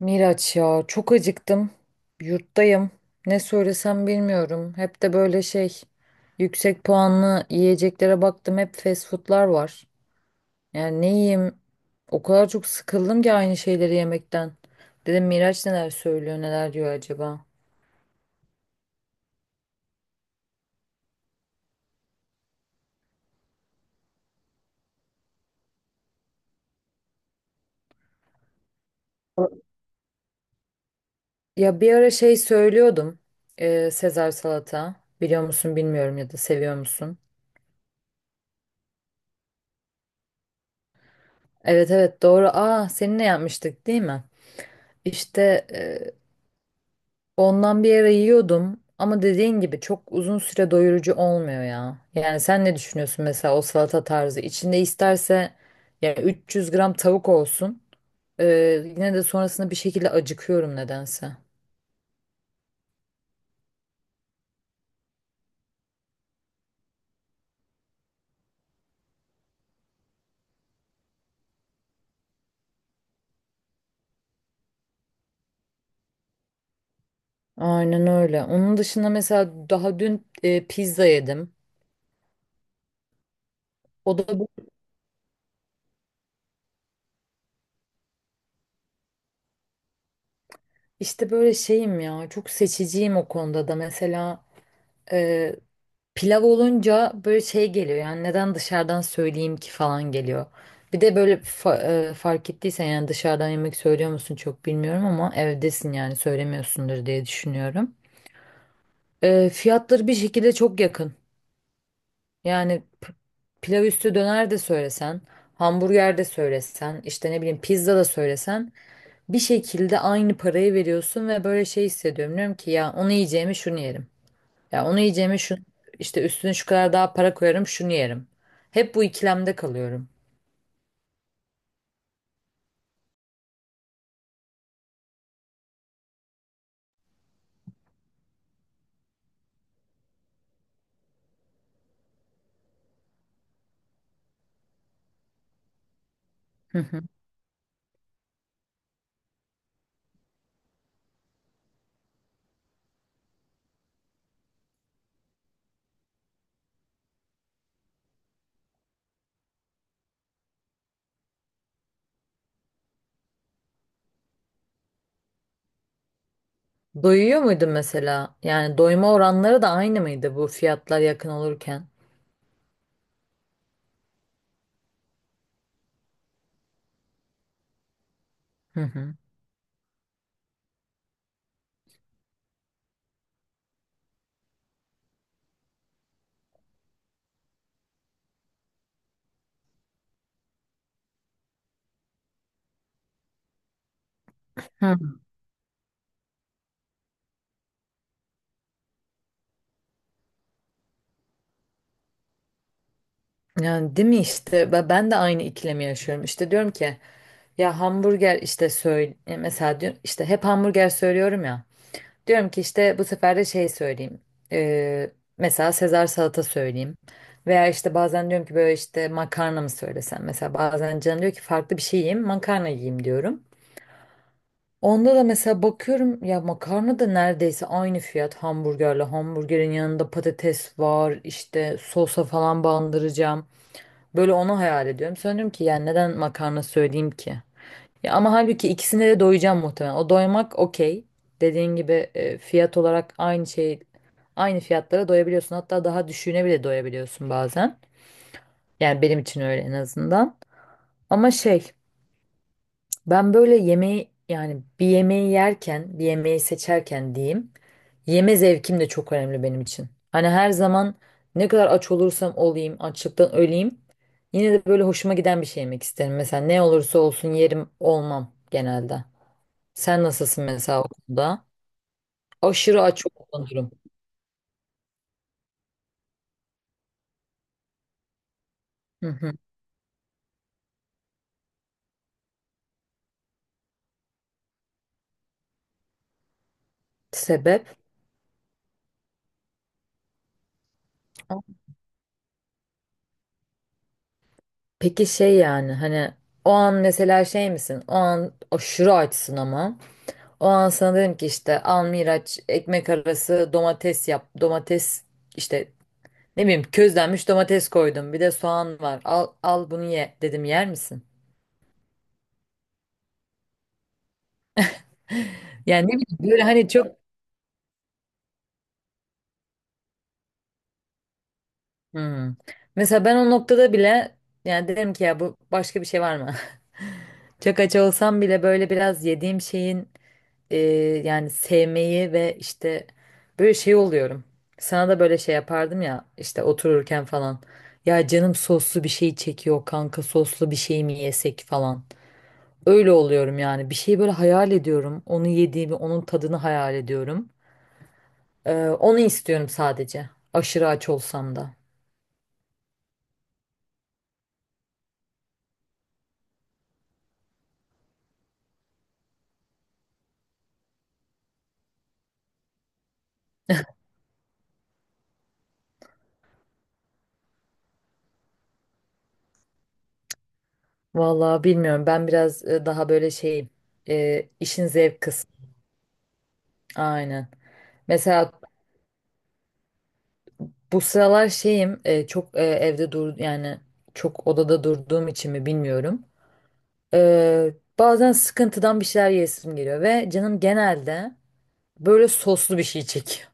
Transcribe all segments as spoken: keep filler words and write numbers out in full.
Miraç ya çok acıktım. Yurttayım. Ne söylesem bilmiyorum. Hep de böyle şey yüksek puanlı yiyeceklere baktım. Hep fast foodlar var. Yani ne yiyeyim? O kadar çok sıkıldım ki aynı şeyleri yemekten. Dedim Miraç neler söylüyor, neler diyor acaba? Ya bir ara şey söylüyordum. Ee, Sezar salata. Biliyor musun bilmiyorum ya da seviyor musun? Evet evet doğru. Aa seninle yapmıştık değil mi? İşte e, ondan bir ara yiyordum ama dediğin gibi çok uzun süre doyurucu olmuyor ya. Yani sen ne düşünüyorsun mesela o salata tarzı? İçinde isterse yani üç yüz gram tavuk olsun. Ee, yine de sonrasında bir şekilde acıkıyorum nedense. Aynen öyle. Onun dışında mesela daha dün e, pizza yedim. O da bu- işte böyle şeyim ya, çok seçiciyim o konuda da. Mesela pilav olunca böyle şey geliyor, yani neden dışarıdan söyleyeyim ki falan geliyor. Bir de böyle fa- e, fark ettiysen, yani dışarıdan yemek söylüyor musun çok bilmiyorum ama evdesin, yani söylemiyorsundur diye düşünüyorum. E, fiyatları bir şekilde çok yakın. Yani p- Pilav üstü döner de söylesen, hamburger de söylesen, işte ne bileyim pizza da söylesen, bir şekilde aynı parayı veriyorsun ve böyle şey hissediyorum. Diyorum ki ya onu yiyeceğimi şunu yerim. Ya onu yiyeceğime şu işte üstüne şu kadar daha para koyarım şunu yerim. Hep bu ikilemde kalıyorum. Hı hı. Doyuyor muydun mesela? Yani doyma oranları da aynı mıydı bu fiyatlar yakın olurken? Hı hı. Hı. Yani değil mi işte. Ve ben de aynı ikilemi yaşıyorum. İşte diyorum ki ya hamburger işte söyle e, mesela, diyorum işte hep hamburger söylüyorum ya. Diyorum ki işte bu sefer de şey söyleyeyim. Ee, mesela Sezar salata söyleyeyim. Veya işte bazen diyorum ki böyle işte makarna mı söylesem. Mesela bazen canım diyor ki farklı bir şey yiyeyim, makarna yiyeyim diyorum. Onda da mesela bakıyorum ya makarna da neredeyse aynı fiyat hamburgerle. Hamburgerin yanında patates var, işte sosa falan bandıracağım. Böyle onu hayal ediyorum. Sonra ki yani neden makarna söyleyeyim ki? Ya ama halbuki ikisine de doyacağım muhtemelen. O doymak okey. Dediğin gibi e, fiyat olarak aynı şey, aynı fiyatlara doyabiliyorsun. Hatta daha düşüğüne bile doyabiliyorsun bazen. Yani benim için öyle en azından. Ama şey, ben böyle yemeği, yani bir yemeği yerken, bir yemeği seçerken diyeyim. Yeme zevkim de çok önemli benim için. Hani her zaman ne kadar aç olursam olayım, açlıktan öleyim. Yine de böyle hoşuma giden bir şey yemek isterim. Mesela ne olursa olsun yerim olmam genelde. Sen nasılsın mesela okulda? Aşırı aç oluyorum. Hı hı. Sebep? Peki şey, yani hani o an mesela şey misin? O an aşırı açsın ama. O an sana dedim ki işte al Miraç ekmek arası domates yap. Domates işte ne bileyim közlenmiş domates koydum. Bir de soğan var. Al al bunu ye dedim yer misin? Yani ne bileyim böyle hani çok. Hmm. Mesela ben o noktada bile yani derim ki ya bu başka bir şey var mı? Çok aç olsam bile böyle biraz yediğim şeyin e, yani sevmeyi ve işte böyle şey oluyorum. Sana da böyle şey yapardım ya işte otururken falan. Ya canım soslu bir şey çekiyor kanka, soslu bir şey mi yesek falan. Öyle oluyorum yani, bir şeyi böyle hayal ediyorum. Onu yediğimi, onun tadını hayal ediyorum. Ee, onu istiyorum sadece, aşırı aç olsam da. Vallahi bilmiyorum. Ben biraz e, daha böyle şeyim. E, işin zevk kısmı. Aynen. Mesela bu sıralar şeyim e, çok e, evde dur yani, çok odada durduğum için mi bilmiyorum. E, bazen sıkıntıdan bir şeyler yesim geliyor ve canım genelde böyle soslu bir şey çekiyor.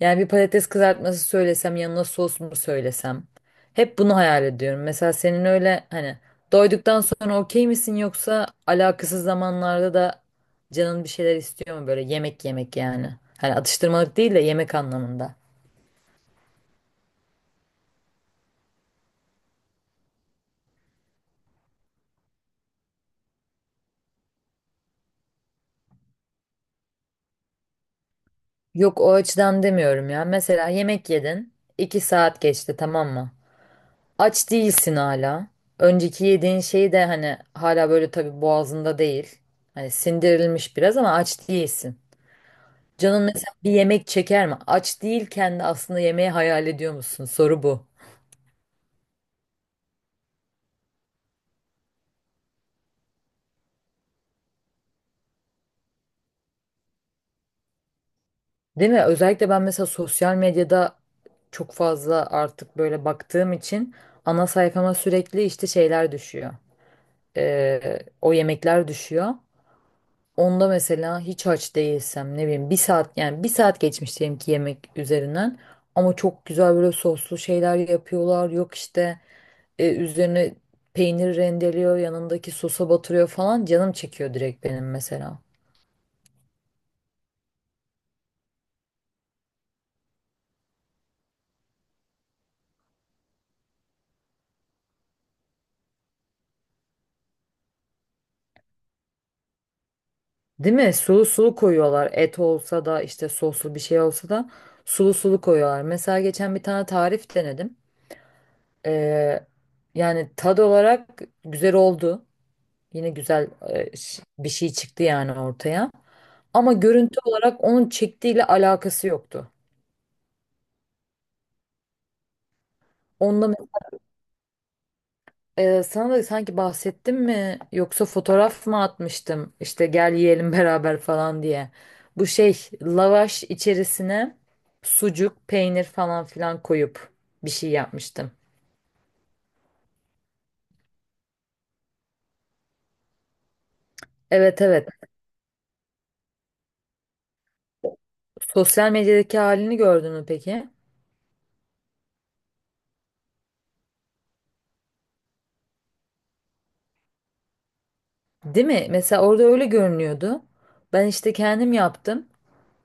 Yani bir patates kızartması söylesem, yanına sos mu söylesem? Hep bunu hayal ediyorum. Mesela senin öyle hani doyduktan sonra okey misin, yoksa alakasız zamanlarda da canın bir şeyler istiyor mu böyle yemek yemek yani? Hani atıştırmalık değil de yemek anlamında. Yok o açıdan demiyorum ya. Mesela yemek yedin. İki saat geçti tamam mı? Aç değilsin hala. Önceki yediğin şey de hani hala böyle tabii boğazında değil. Hani sindirilmiş biraz ama aç değilsin. Canın mesela bir yemek çeker mi? Aç değilken de aslında yemeği hayal ediyor musun? Soru bu. Değil mi? Özellikle ben mesela sosyal medyada çok fazla artık böyle baktığım için ana sayfama sürekli işte şeyler düşüyor. Ee, o yemekler düşüyor. Onda mesela hiç aç değilsem ne bileyim bir saat, yani bir saat geçmiş diyelim ki yemek üzerinden, ama çok güzel böyle soslu şeyler yapıyorlar. Yok işte e, üzerine peynir rendeliyor, yanındaki sosa batırıyor falan, canım çekiyor direkt benim mesela. Değil mi? Sulu sulu koyuyorlar. Et olsa da işte, soslu bir şey olsa da sulu sulu koyuyorlar. Mesela geçen bir tane tarif denedim. Ee, yani tad olarak güzel oldu. Yine güzel e, ş- bir şey çıktı yani ortaya. Ama görüntü olarak onun çektiğiyle alakası yoktu. Onda Ee, sana da sanki bahsettim mi, yoksa fotoğraf mı atmıştım işte gel yiyelim beraber falan diye. Bu şey, lavaş içerisine sucuk, peynir falan filan koyup bir şey yapmıştım. Evet evet. Sosyal medyadaki halini gördün mü peki? Değil mi? Mesela orada öyle görünüyordu. Ben işte kendim yaptım.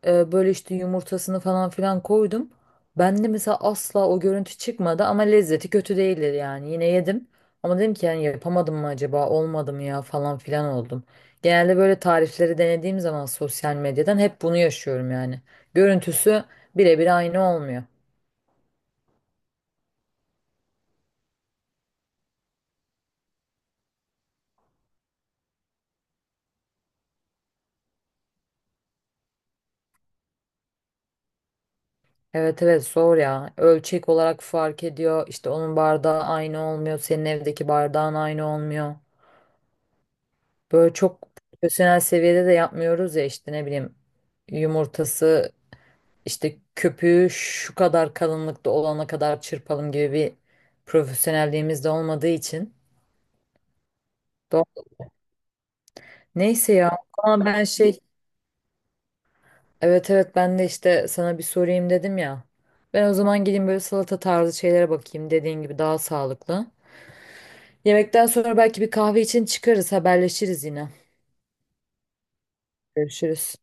Ee, böyle işte yumurtasını falan filan koydum. Bende mesela asla o görüntü çıkmadı ama lezzeti kötü değildi yani. Yine yedim ama dedim ki yani yapamadım mı acaba, olmadı mı ya falan filan oldum. Genelde böyle tarifleri denediğim zaman sosyal medyadan hep bunu yaşıyorum yani. Görüntüsü birebir aynı olmuyor. Evet evet zor ya. Ölçek olarak fark ediyor. İşte onun bardağı aynı olmuyor. Senin evdeki bardağın aynı olmuyor. Böyle çok profesyonel seviyede de yapmıyoruz ya, işte ne bileyim yumurtası, İşte köpüğü şu kadar kalınlıkta olana kadar çırpalım gibi bir profesyonelliğimiz de olmadığı için. Do- Neyse ya, ama ben şey, evet evet, ben de işte sana bir sorayım dedim ya. Ben o zaman gideyim böyle salata tarzı şeylere bakayım, dediğin gibi daha sağlıklı. Yemekten sonra belki bir kahve için çıkarız, haberleşiriz yine. Görüşürüz.